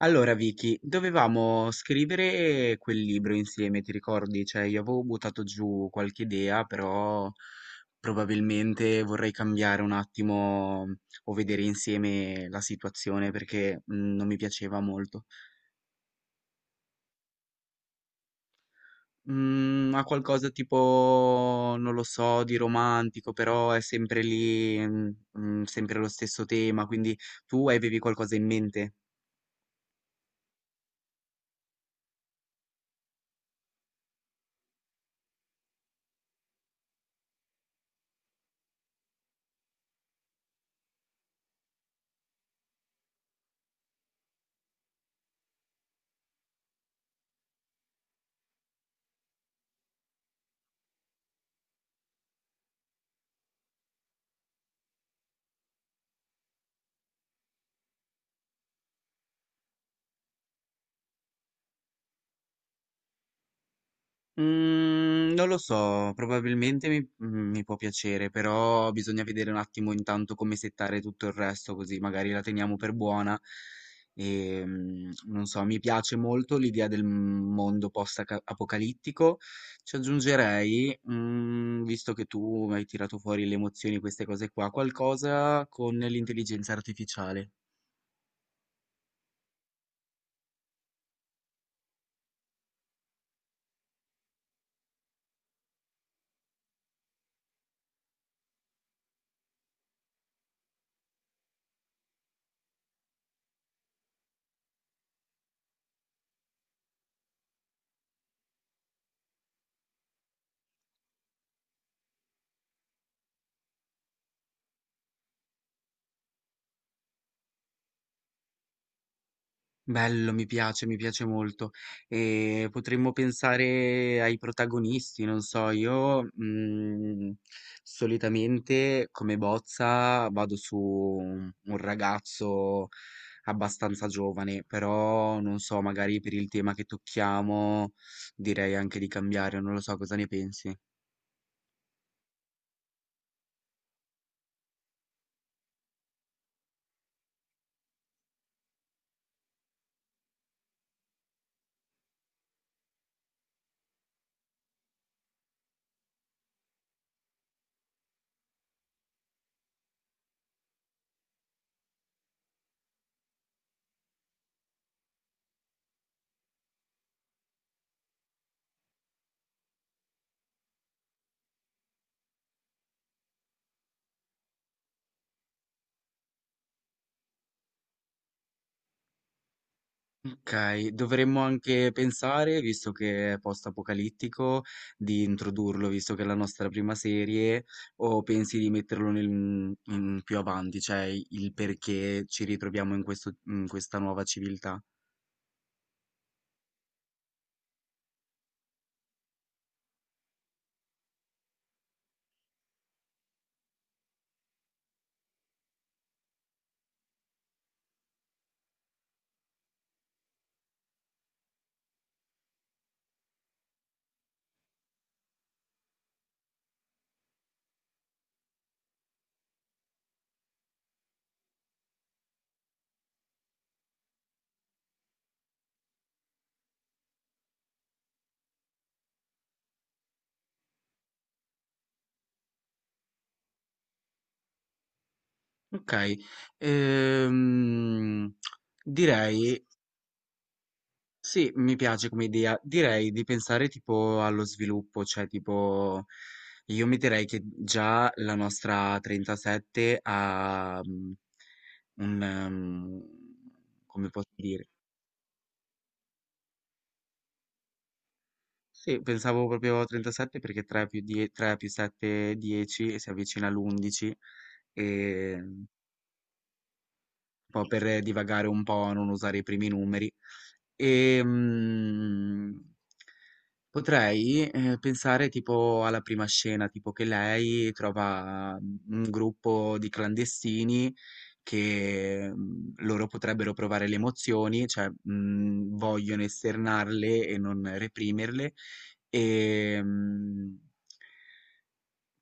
Allora Vicky, dovevamo scrivere quel libro insieme, ti ricordi? Cioè, io avevo buttato giù qualche idea, però probabilmente vorrei cambiare un attimo o vedere insieme la situazione perché non mi piaceva molto. Ha qualcosa tipo, non lo so, di romantico, però è sempre lì, sempre lo stesso tema. Quindi tu avevi qualcosa in mente? Mhmm, non lo so. Probabilmente mi può piacere, però bisogna vedere un attimo intanto come settare tutto il resto, così magari la teniamo per buona. Non so, mi piace molto l'idea del mondo post-aca apocalittico. Ci aggiungerei, mhmm, visto che tu hai tirato fuori le emozioni, queste cose qua, qualcosa con l'intelligenza artificiale. Bello, mi piace molto. Potremmo pensare ai protagonisti, non so, io, mhmm, solitamente come bozza vado su un ragazzo abbastanza giovane, però non so, magari per il tema che tocchiamo direi anche di cambiare, non lo so. Cosa ne pensi? Okay, dovremmo anche pensare, visto che è post-apocalittico, di introdurlo, visto che è la nostra prima serie, o pensi di metterlo in più avanti, cioè il perché ci ritroviamo in questa nuova civiltà? Okay, ehm, direi. Sì, mi piace come idea. Direi di pensare tipo allo sviluppo, cioè tipo io mi direi che già la nostra 37 ha mm, un come posso dire? Sì, pensavo proprio a 37 perché 3 più 7 è 10 e si avvicina all'11 e un po' per divagare un po', non usare i primi numeri. Ehm, potrei pensare tipo alla prima scena, tipo che lei trova, mhmm, un gruppo di clandestini che, mhmm, loro potrebbero provare le emozioni, cioè, mhmm, vogliono esternarle e non reprimerle. Ehm,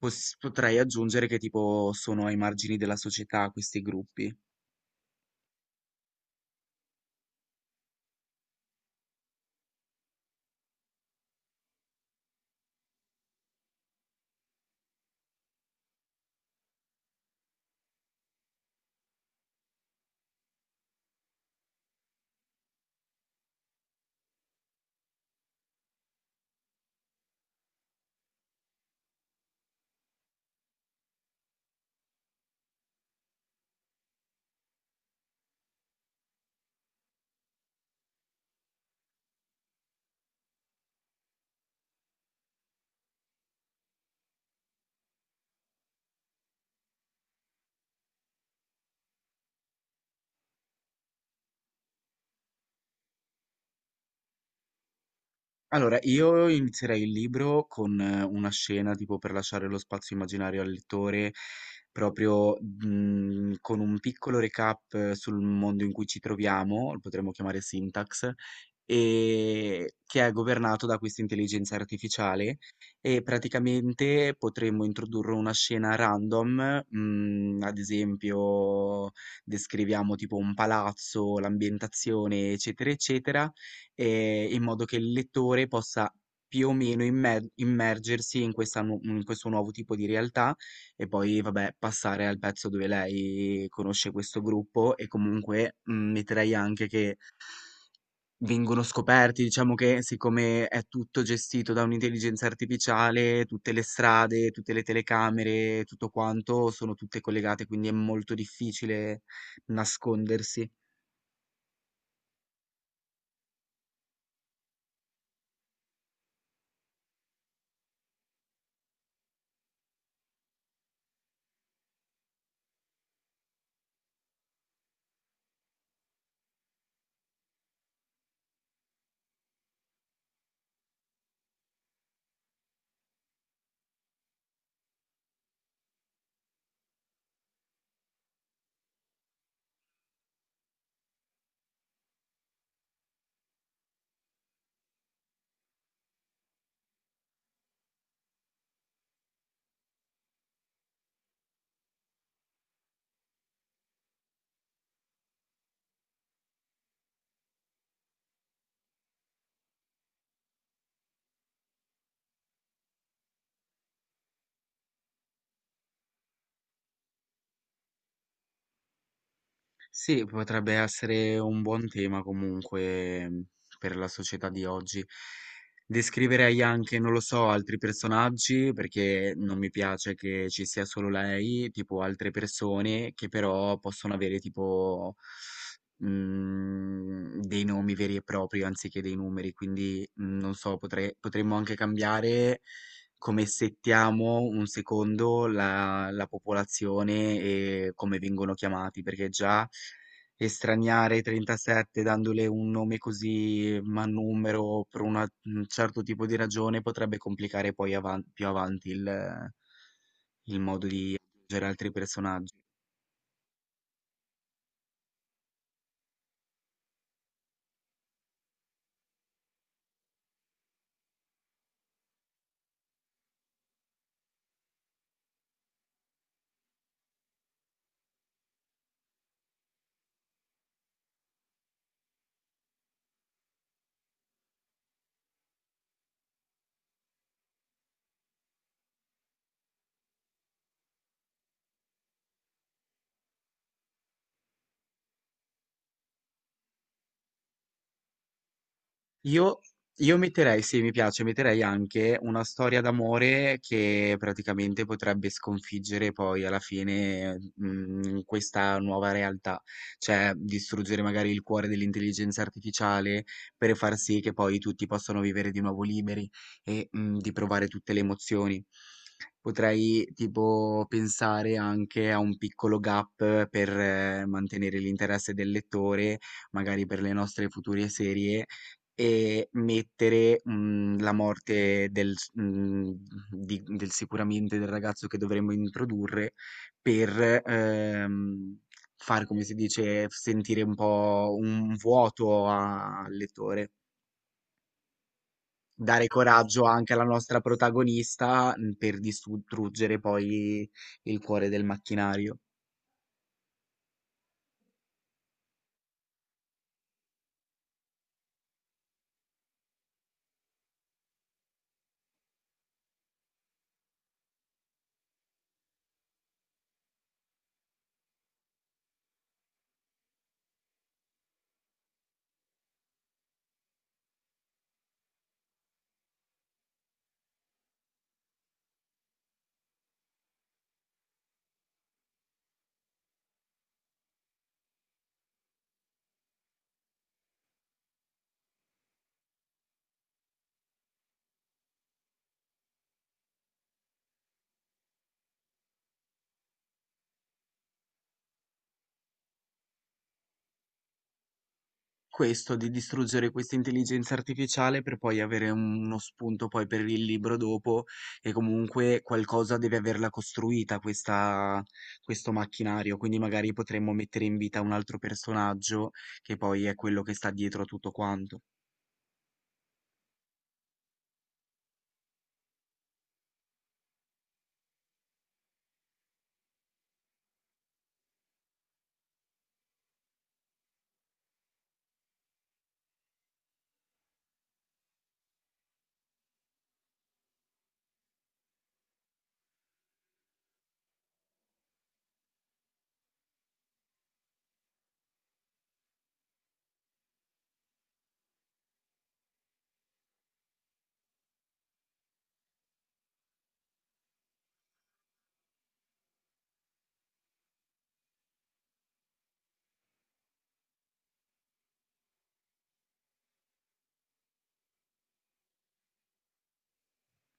pos potrei aggiungere che tipo sono ai margini della società questi gruppi. Allora, io inizierei il libro con una scena tipo per lasciare lo spazio immaginario al lettore, proprio con un piccolo recap sul mondo in cui ci troviamo. Lo potremmo chiamare syntax, e che è governato da questa intelligenza artificiale. E praticamente potremmo introdurre una scena random, ad esempio descriviamo tipo un palazzo, l'ambientazione, eccetera, eccetera. In modo che il lettore possa più o meno immergersi in questa nu in questo nuovo tipo di realtà. E poi, vabbè, passare al pezzo dove lei conosce questo gruppo e comunque, mhmm, metterei anche che vengono scoperti, diciamo che siccome è tutto gestito da un'intelligenza artificiale, tutte le strade, tutte le telecamere, tutto quanto sono tutte collegate, quindi è molto difficile nascondersi. Sì, potrebbe essere un buon tema comunque, mhmm, per la società di oggi. Descriverei anche, non lo so, altri personaggi, perché non mi piace che ci sia solo lei, tipo altre persone che però possono avere tipo, mhmm, dei nomi veri e propri anziché dei numeri. Quindi, mhmm, non so, potremmo anche cambiare come settiamo un secondo la popolazione e come vengono chiamati, perché già estraniare 37 dandole un nome così ma numero per un certo tipo di ragione potrebbe complicare poi più avanti il modo di aggiungere altri personaggi. Io, io metterei, sì, mi piace, metterei anche una storia d'amore che praticamente potrebbe sconfiggere poi alla fine, questa nuova realtà, cioè distruggere magari il cuore dell'intelligenza artificiale per far sì che poi tutti possano vivere di nuovo liberi e, di provare tutte le emozioni. Potrei tipo pensare anche a un piccolo gap per mantenere l'interesse del lettore, magari per le nostre future serie. E mettere, mhmm, la morte del s mhmm, di del sicuramente del ragazzo che dovremmo introdurre per, far, come si dice, sentire un po' un vuoto a al lettore. Dare coraggio anche alla nostra protagonista, mhmm, per distruggere poi il cuore del macchinario. Questo, di distruggere questa intelligenza artificiale per poi avere uno spunto poi per il libro dopo. E comunque qualcosa deve averla costruita questo macchinario, quindi magari potremmo mettere in vita un altro personaggio che poi è quello che sta dietro a tutto quanto.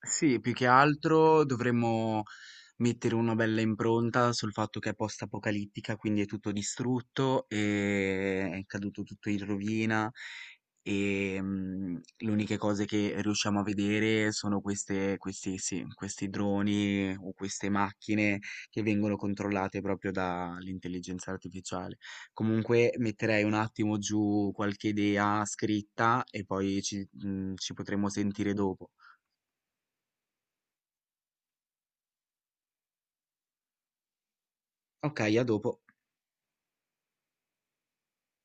Sì, più che altro dovremmo mettere una bella impronta sul fatto che è post-apocalittica, quindi è tutto distrutto, e è caduto tutto in rovina e le uniche cose che riusciamo a vedere sono questi, sì, questi droni o queste macchine che vengono controllate proprio dall'intelligenza artificiale. Comunque metterei un attimo giù qualche idea scritta e poi ci potremo sentire dopo. Ok, a dopo.